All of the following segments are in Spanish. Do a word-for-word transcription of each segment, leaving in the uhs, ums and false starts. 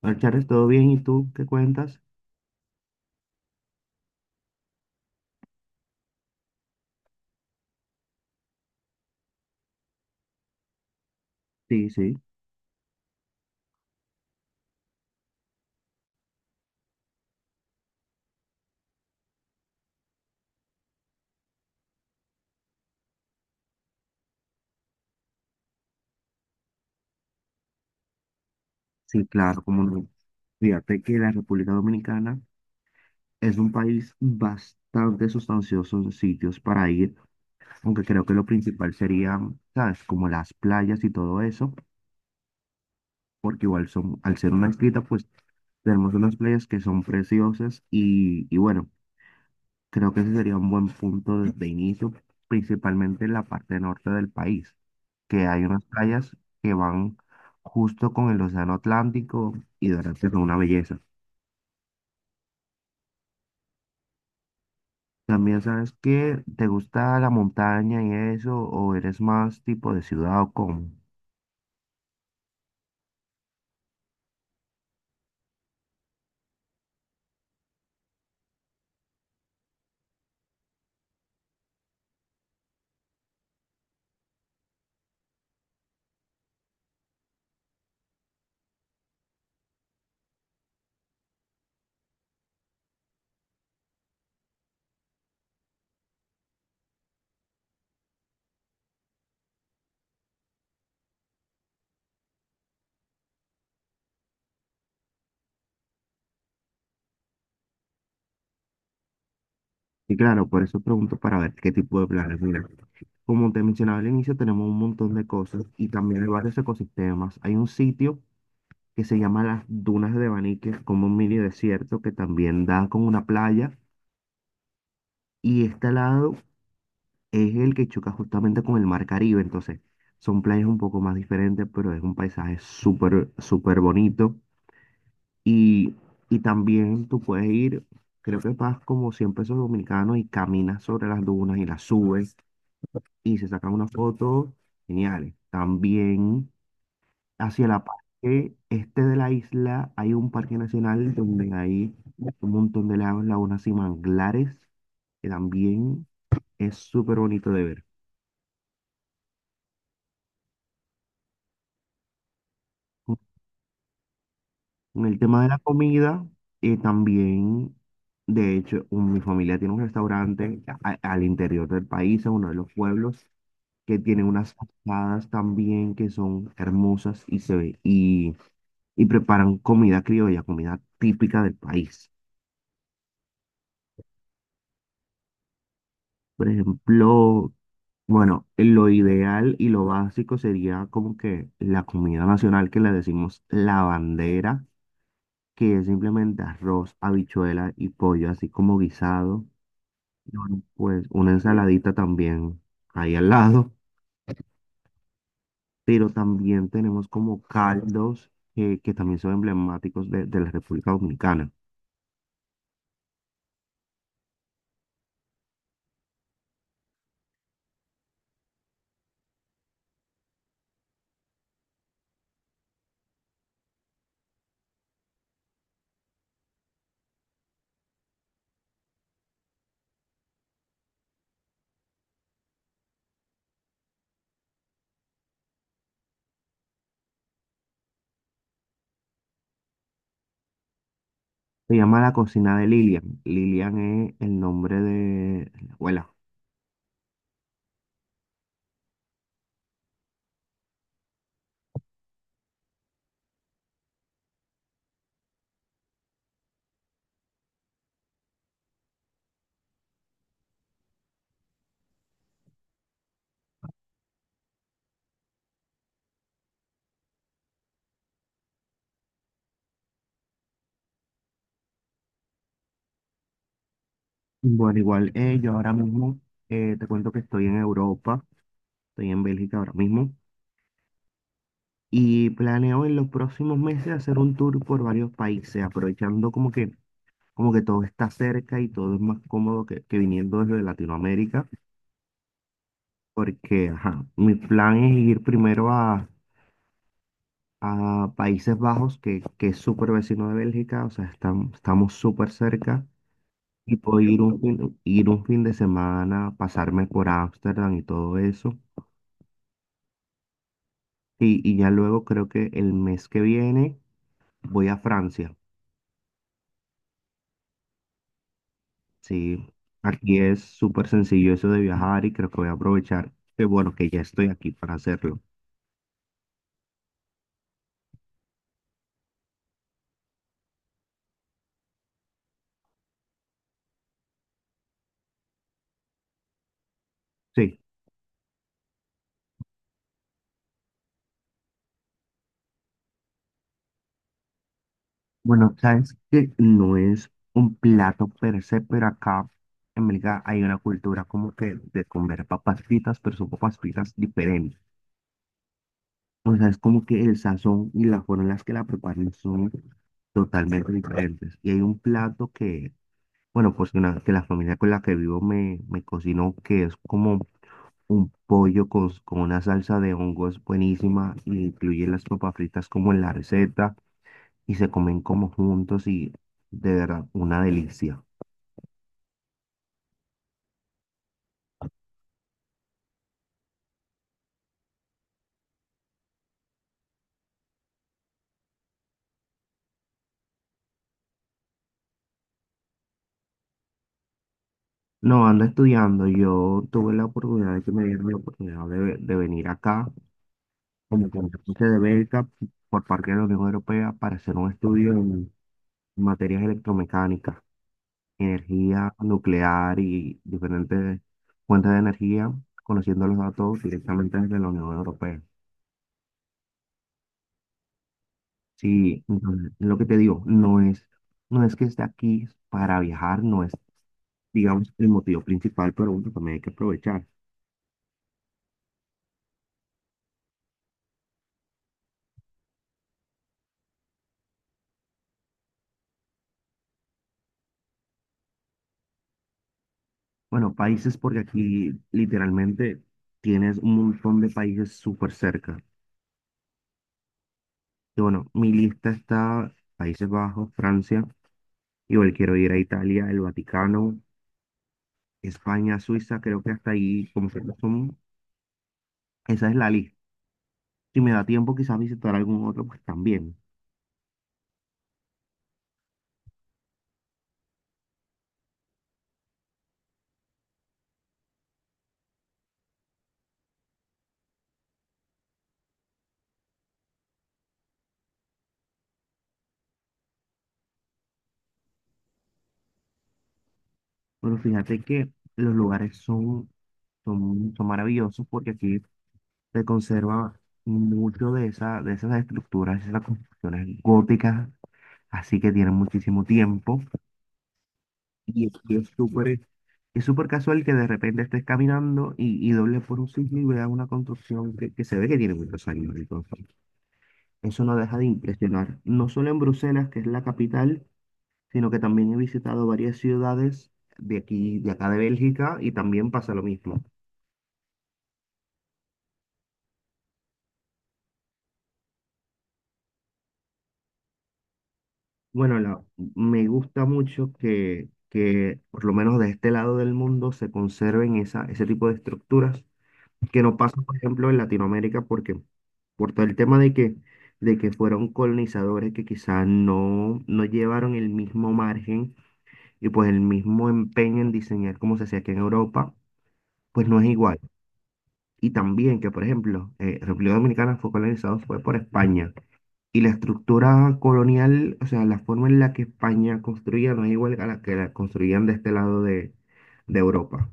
Hola, Charles, ¿todo bien? ¿Y tú qué cuentas? Sí, sí, sí, claro, como no. Fíjate que la República Dominicana es un país bastante sustancioso en sitios para ir, aunque creo que lo principal serían, ¿sabes? Como las playas y todo eso, porque igual son, al ser una islita, pues tenemos unas playas que son preciosas y, y bueno, creo que ese sería un buen punto de, de inicio, principalmente en la parte norte del país, que hay unas playas que van justo con el océano Atlántico y de verdad que son una belleza. También sabes que te gusta la montaña y eso, ¿o eres más tipo de ciudad o cómo? Y claro, por eso pregunto para ver qué tipo de planes. Mira, como te mencionaba al inicio, tenemos un montón de cosas y también hay varios ecosistemas. Hay un sitio que se llama las Dunas de Banique, como un mini desierto que también da con una playa y está al lado, es el que choca justamente con el Mar Caribe, entonces son playas un poco más diferentes, pero es un paisaje súper, súper bonito. Y, y también tú puedes ir, creo que pagas como cien pesos dominicanos y caminas sobre las dunas y las subes y se sacan unas fotos geniales. También hacia la parte este de la isla hay un parque nacional donde hay un montón de lagos, lagunas y manglares, que también es súper bonito de ver. En el tema de la comida, eh, también, de hecho, un- mi familia tiene un restaurante a- al interior del país, en uno de los pueblos, que tiene unas asadas también que son hermosas y se ve, y, y preparan comida criolla, comida típica del país. Por ejemplo, bueno, lo ideal y lo básico sería como que la comida nacional que le decimos la bandera, que es simplemente arroz, habichuela y pollo, así como guisado. Bueno, pues una ensaladita también ahí al lado, pero también tenemos como caldos que, que también son emblemáticos de, de la República Dominicana. Se llama la cocina de Lilian. Lilian es el nombre de la abuela. Bueno, igual eh, yo ahora mismo eh, te cuento que estoy en Europa, estoy en Bélgica ahora mismo, y planeo en los próximos meses hacer un tour por varios países, aprovechando como que, como que todo está cerca y todo es más cómodo que, que viniendo desde Latinoamérica. Porque ajá, mi plan es ir primero a, a Países Bajos, que, que es súper vecino de Bélgica, o sea, estam- estamos súper cerca, y puedo ir un fin, ir un fin de semana, pasarme por Ámsterdam y todo eso, y, y ya luego creo que el mes que viene voy a Francia. Sí, aquí es súper sencillo eso de viajar y creo que voy a aprovechar, que bueno, que ya estoy aquí para hacerlo, sí. Bueno, sabes que no es un plato per se, pero acá en Bélgica hay una cultura como que de comer papas fritas, pero son papas fritas diferentes. O sea, es como que el sazón y la forma en las que la preparan son totalmente diferentes. Y hay un plato que, bueno, pues una- que la familia con la que vivo me, me cocinó, que es como un pollo con, con una salsa de hongos buenísima y incluye las papas fritas como en la receta y se comen como juntos y, de verdad, una delicia. No, ando estudiando, yo tuve la oportunidad de que me dieron la oportunidad de, ve- de venir acá como contratante de beca por parte de la Unión Europea para hacer un estudio en materias electromecánicas, energía nuclear y diferentes fuentes de energía, conociendo los datos directamente desde la Unión Europea. Sí, entonces, lo que te digo, no es, no es que esté aquí para viajar, no es, digamos, el motivo principal, pero bueno, también hay que aprovechar. Bueno, países porque aquí literalmente tienes un montón de países súper cerca. Y bueno, mi lista está Países Bajos, Francia, igual quiero ir a Italia, el Vaticano, España, Suiza, creo que hasta ahí como que no son, esa es la lista. Si me da tiempo, quizás visitar algún otro, pues también. Pero fíjate que los lugares son, son, son maravillosos porque aquí se conserva mucho de esa, de esas estructuras, esas construcciones góticas, así que tienen muchísimo tiempo, y es, y es súper, es súper casual que de repente estés caminando y, y dobles por un sitio y veas una construcción que, que se ve que tiene muchos años. Entonces, eso no deja de impresionar, no solo en Bruselas, que es la capital, sino que también he visitado varias ciudades de aquí, de acá de Bélgica, y también pasa lo mismo. Bueno, la- Me gusta mucho que, que, por lo menos de este lado del mundo, se conserven esa, ese tipo de estructuras, que no pasa, por ejemplo, en Latinoamérica, porque por todo el tema de que, de que fueron colonizadores que quizás no, no llevaron el mismo margen y pues el mismo empeño en diseñar como se hacía aquí en Europa, pues no es igual. Y también que, por ejemplo, eh, República Dominicana fue colonizado fue por España. Y la estructura colonial, o sea, la forma en la que España construía no es igual a la que la construían de este lado de, de Europa.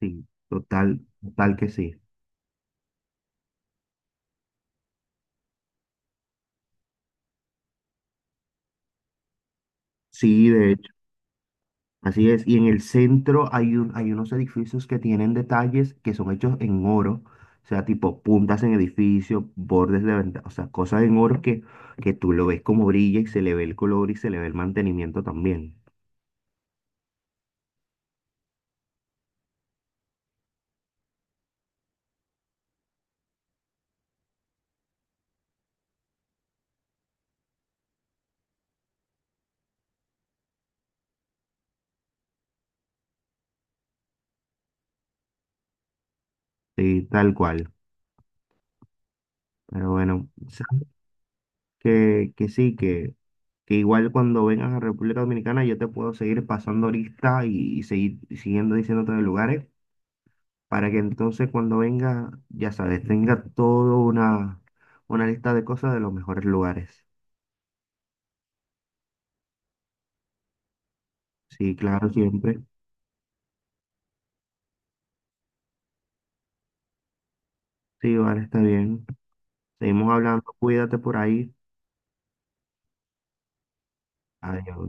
Sí, total, total que sí. Sí, de hecho, así es. Y en el centro hay un, hay unos edificios que tienen detalles que son hechos en oro, o sea, tipo puntas en edificios, bordes de ventanas, o sea, cosas en oro que, que tú lo ves como brilla y se le ve el color y se le ve el mantenimiento también. Sí, tal cual. Pero bueno, o que, que sí, que que igual cuando vengas a República Dominicana yo te puedo seguir pasando lista y, y seguir siguiendo diciéndote de lugares para que entonces cuando venga, ya sabes, tenga toda una, una lista de cosas de los mejores lugares. Sí, claro, siempre. Sí, vale, está bien. Seguimos hablando, cuídate por ahí. Adiós.